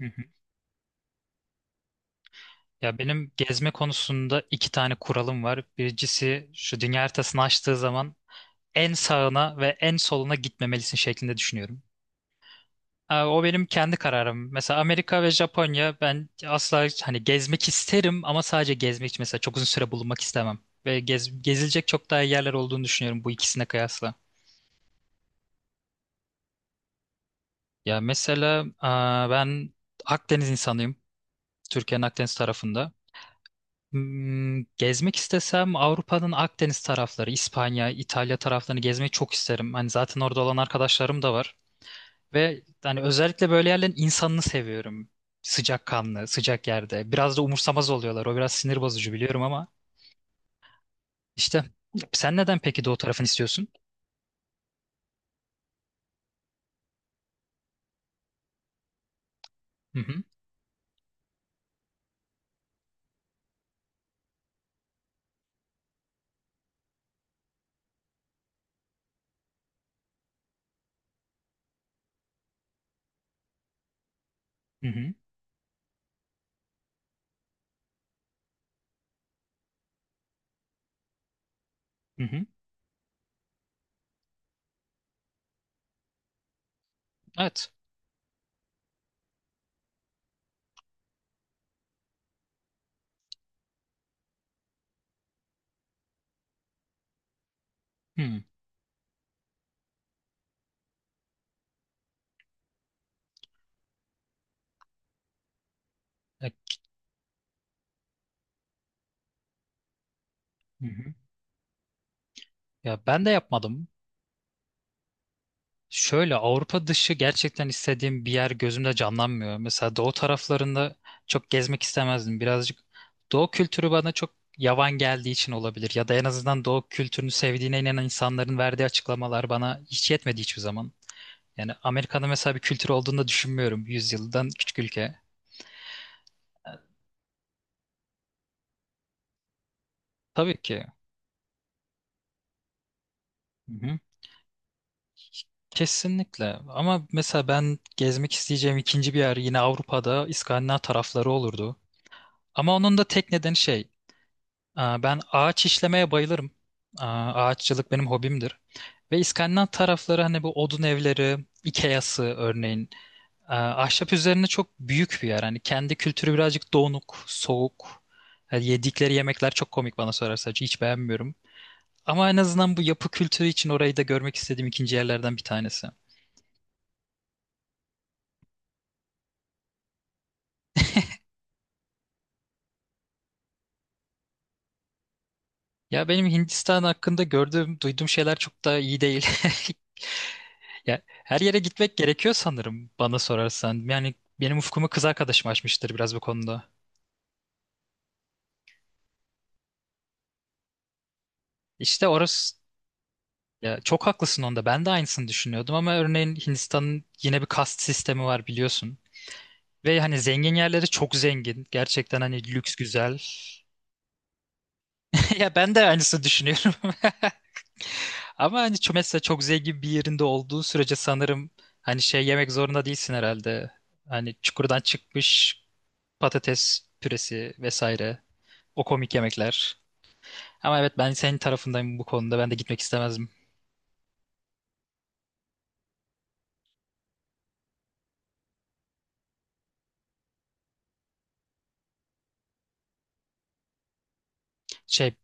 Hı hı. Ya benim gezme konusunda iki tane kuralım var. Birincisi şu dünya haritasını açtığı zaman en sağına ve en soluna gitmemelisin şeklinde düşünüyorum. O benim kendi kararım. Mesela Amerika ve Japonya ben asla hani gezmek isterim ama sadece gezmek için mesela çok uzun süre bulunmak istemem. Gezilecek çok daha iyi yerler olduğunu düşünüyorum bu ikisine kıyasla. Ya mesela ben Akdeniz insanıyım. Türkiye'nin Akdeniz tarafında. Gezmek istesem Avrupa'nın Akdeniz tarafları, İspanya, İtalya taraflarını gezmeyi çok isterim. Hani zaten orada olan arkadaşlarım da var. Ve hani özellikle böyle yerlerin insanını seviyorum. Sıcakkanlı, sıcak yerde. Biraz da umursamaz oluyorlar. O biraz sinir bozucu biliyorum ama işte sen neden peki doğu tarafını istiyorsun? Hı hı. Hı hı. Hı hı. Evet. Hı. E- Hı hı. Ya ben de yapmadım. Şöyle Avrupa dışı gerçekten istediğim bir yer gözümde canlanmıyor. Mesela doğu taraflarında çok gezmek istemezdim. Birazcık doğu kültürü bana çok yavan geldiği için olabilir. Ya da en azından doğu kültürünü sevdiğine inanan insanların verdiği açıklamalar bana hiç yetmedi hiçbir zaman. Yani Amerika'da mesela bir kültür olduğunu da düşünmüyorum. Yüzyıldan küçük ülke. Tabii ki. Hı hı. Kesinlikle. Ama mesela ben gezmek isteyeceğim ikinci bir yer yine Avrupa'da İskandinav tarafları olurdu. Ama onun da tek nedeni şey. Ben ağaç işlemeye bayılırım. Ağaççılık benim hobimdir. Ve İskandinav tarafları hani bu odun evleri, Ikea'sı örneğin. Aa, Ahşap üzerine çok büyük bir yer. Hani kendi kültürü birazcık donuk, soğuk. Yani yedikleri yemekler çok komik bana sorarsan. Hiç beğenmiyorum. Ama en azından bu yapı kültürü için orayı da görmek istediğim ikinci yerlerden bir tanesi. Ya benim Hindistan hakkında gördüğüm, duyduğum şeyler çok da iyi değil. Ya her yere gitmek gerekiyor sanırım bana sorarsan. Yani benim ufkumu kız arkadaşım açmıştır biraz bu konuda. İşte orası ya çok haklısın onda. Ben de aynısını düşünüyordum ama örneğin Hindistan'ın yine bir kast sistemi var biliyorsun. Ve hani zengin yerleri çok zengin. Gerçekten hani lüks güzel. Ya ben de aynısını düşünüyorum. Ama hani mesela çok zengin bir yerinde olduğu sürece sanırım hani şey yemek zorunda değilsin herhalde. Hani çukurdan çıkmış patates püresi vesaire. O komik yemekler. Ama evet ben senin tarafındayım bu konuda. Ben de gitmek istemezdim. Şey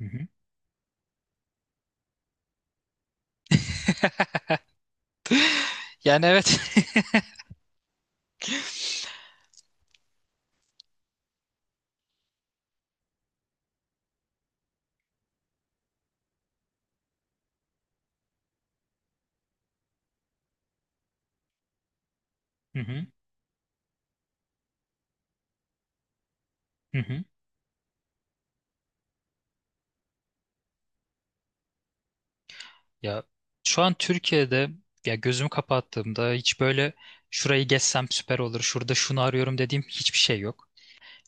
hı hı, yani evet. Hı hı, hı hı. Ya şu an Türkiye'de ya gözümü kapattığımda hiç böyle şurayı gezsem süper olur. Şurada şunu arıyorum dediğim hiçbir şey yok.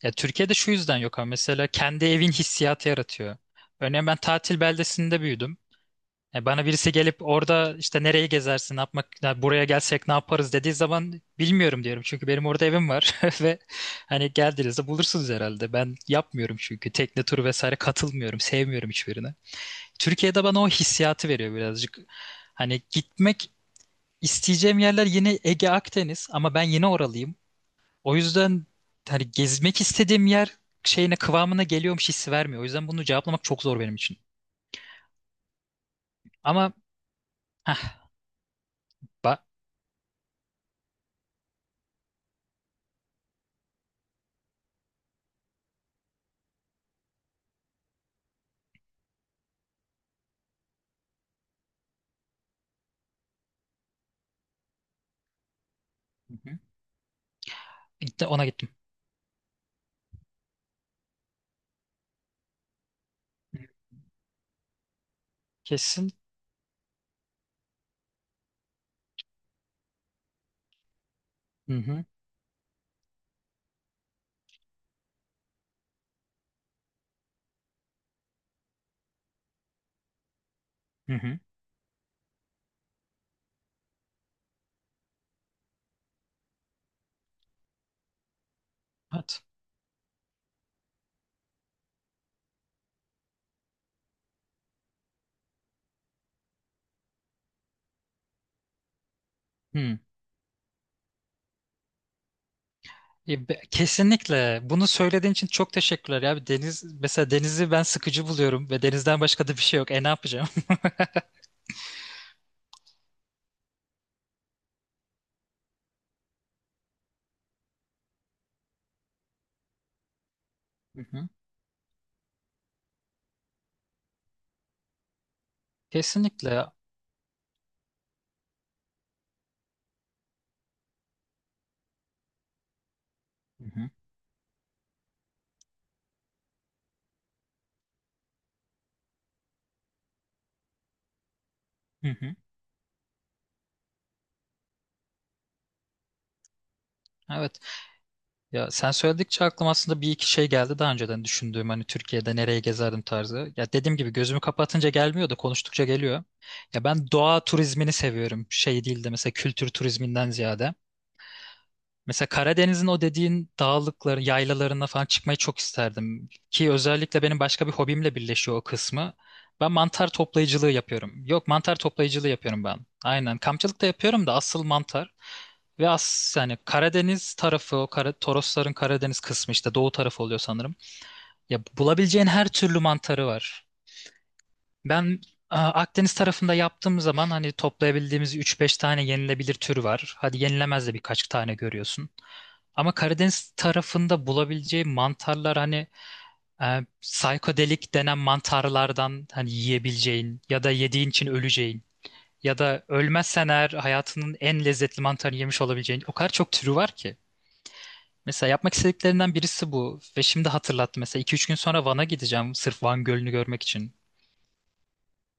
Ya Türkiye'de şu yüzden yok ama mesela kendi evin hissiyatı yaratıyor. Örneğin ben tatil beldesinde büyüdüm. Bana birisi gelip orada işte nereyi gezersin, ne yapmak, ya buraya gelsek ne yaparız dediği zaman bilmiyorum diyorum. Çünkü benim orada evim var ve hani geldiğinizde bulursunuz herhalde. Ben yapmıyorum çünkü tekne turu vesaire katılmıyorum, sevmiyorum hiçbirini. Türkiye'de bana o hissiyatı veriyor birazcık. Hani gitmek isteyeceğim yerler yine Ege Akdeniz ama ben yine oralıyım. O yüzden hani gezmek istediğim yer şeyine kıvamına geliyormuş hissi vermiyor. O yüzden bunu cevaplamak çok zor benim için. Ama heh, ba- hı hı. İşte ona gittim. Kesin. Hı hı. Hı hı. Evet. Hı. Kesinlikle. Bunu söylediğin için çok teşekkürler ya. Bir Deniz, mesela denizi ben sıkıcı buluyorum ve denizden başka da bir şey yok. E ne yapacağım? Hı hı. Kesinlikle. Hı hı. Hı hı. Evet. Ya sen söyledikçe aklıma aslında bir iki şey geldi daha önceden düşündüğüm hani Türkiye'de nereye gezerdim tarzı. Ya dediğim gibi gözümü kapatınca gelmiyor da konuştukça geliyor. Ya ben doğa turizmini seviyorum. Şey değil de mesela kültür turizminden ziyade. Mesela Karadeniz'in o dediğin dağlıkları, yaylalarına falan çıkmayı çok isterdim. Ki özellikle benim başka bir hobimle birleşiyor o kısmı. Ben mantar toplayıcılığı yapıyorum. Yok mantar toplayıcılığı yapıyorum ben. Aynen. Kampçılık da yapıyorum da asıl mantar. Ve as Yani Karadeniz tarafı o Kara, Torosların Karadeniz kısmı işte doğu tarafı oluyor sanırım. Ya bulabileceğin her türlü mantarı var. Ben Akdeniz tarafında yaptığım zaman hani toplayabildiğimiz üç beş tane yenilebilir tür var. Hadi yenilemez de birkaç tane görüyorsun. Ama Karadeniz tarafında bulabileceği mantarlar hani psikodelik denen mantarlardan hani yiyebileceğin ya da yediğin için öleceğin ya da ölmezsen eğer hayatının en lezzetli mantarını yemiş olabileceğin o kadar çok türü var ki. Mesela yapmak istediklerinden birisi bu ve şimdi hatırlattı mesela iki üç gün sonra Van'a gideceğim sırf Van Gölü'nü görmek için.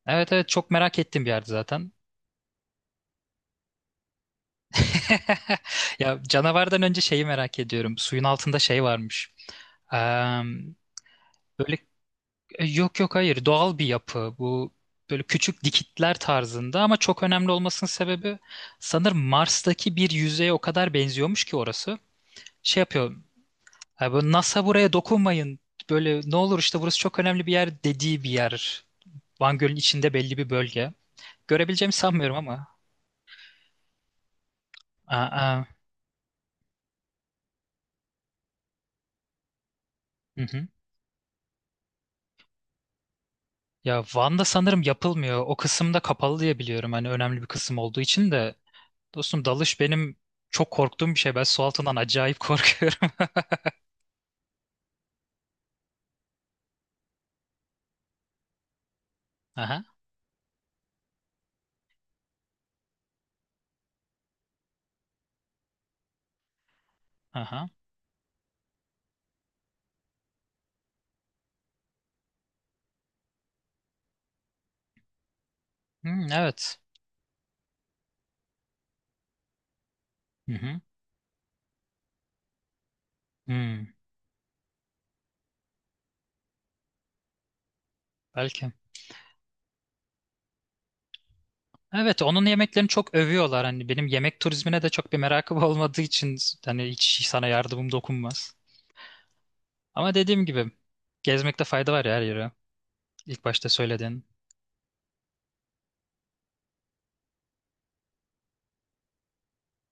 Evet evet çok merak ettiğim bir yerdi zaten. Ya canavardan önce şeyi merak ediyorum. Suyun altında şey varmış. Eee, böyle yok yok hayır doğal bir yapı. Bu böyle küçük dikitler tarzında ama çok önemli olmasının sebebi sanırım Mars'taki bir yüzeye o kadar benziyormuş ki orası. Şey yapıyor. "Ha, bu NASA buraya dokunmayın. Böyle ne olur işte burası çok önemli bir yer dediği bir yer. Van Gölü'nün içinde belli bir bölge. Görebileceğimi sanmıyorum ama. Aa, aa. Hı hı. Ya Van'da sanırım yapılmıyor. O kısımda kapalı diye biliyorum. Hani önemli bir kısım olduğu için de. Dostum dalış benim çok korktuğum bir şey. Ben su altından acayip korkuyorum. Aha, aha. Hmm, evet. Hı hı. Hmm, belki. Evet, onun yemeklerini çok övüyorlar. Hani benim yemek turizmine de çok bir merakım olmadığı için hani hiç sana yardımım dokunmaz. Ama dediğim gibi gezmekte fayda var ya her yere. İlk başta söyledin.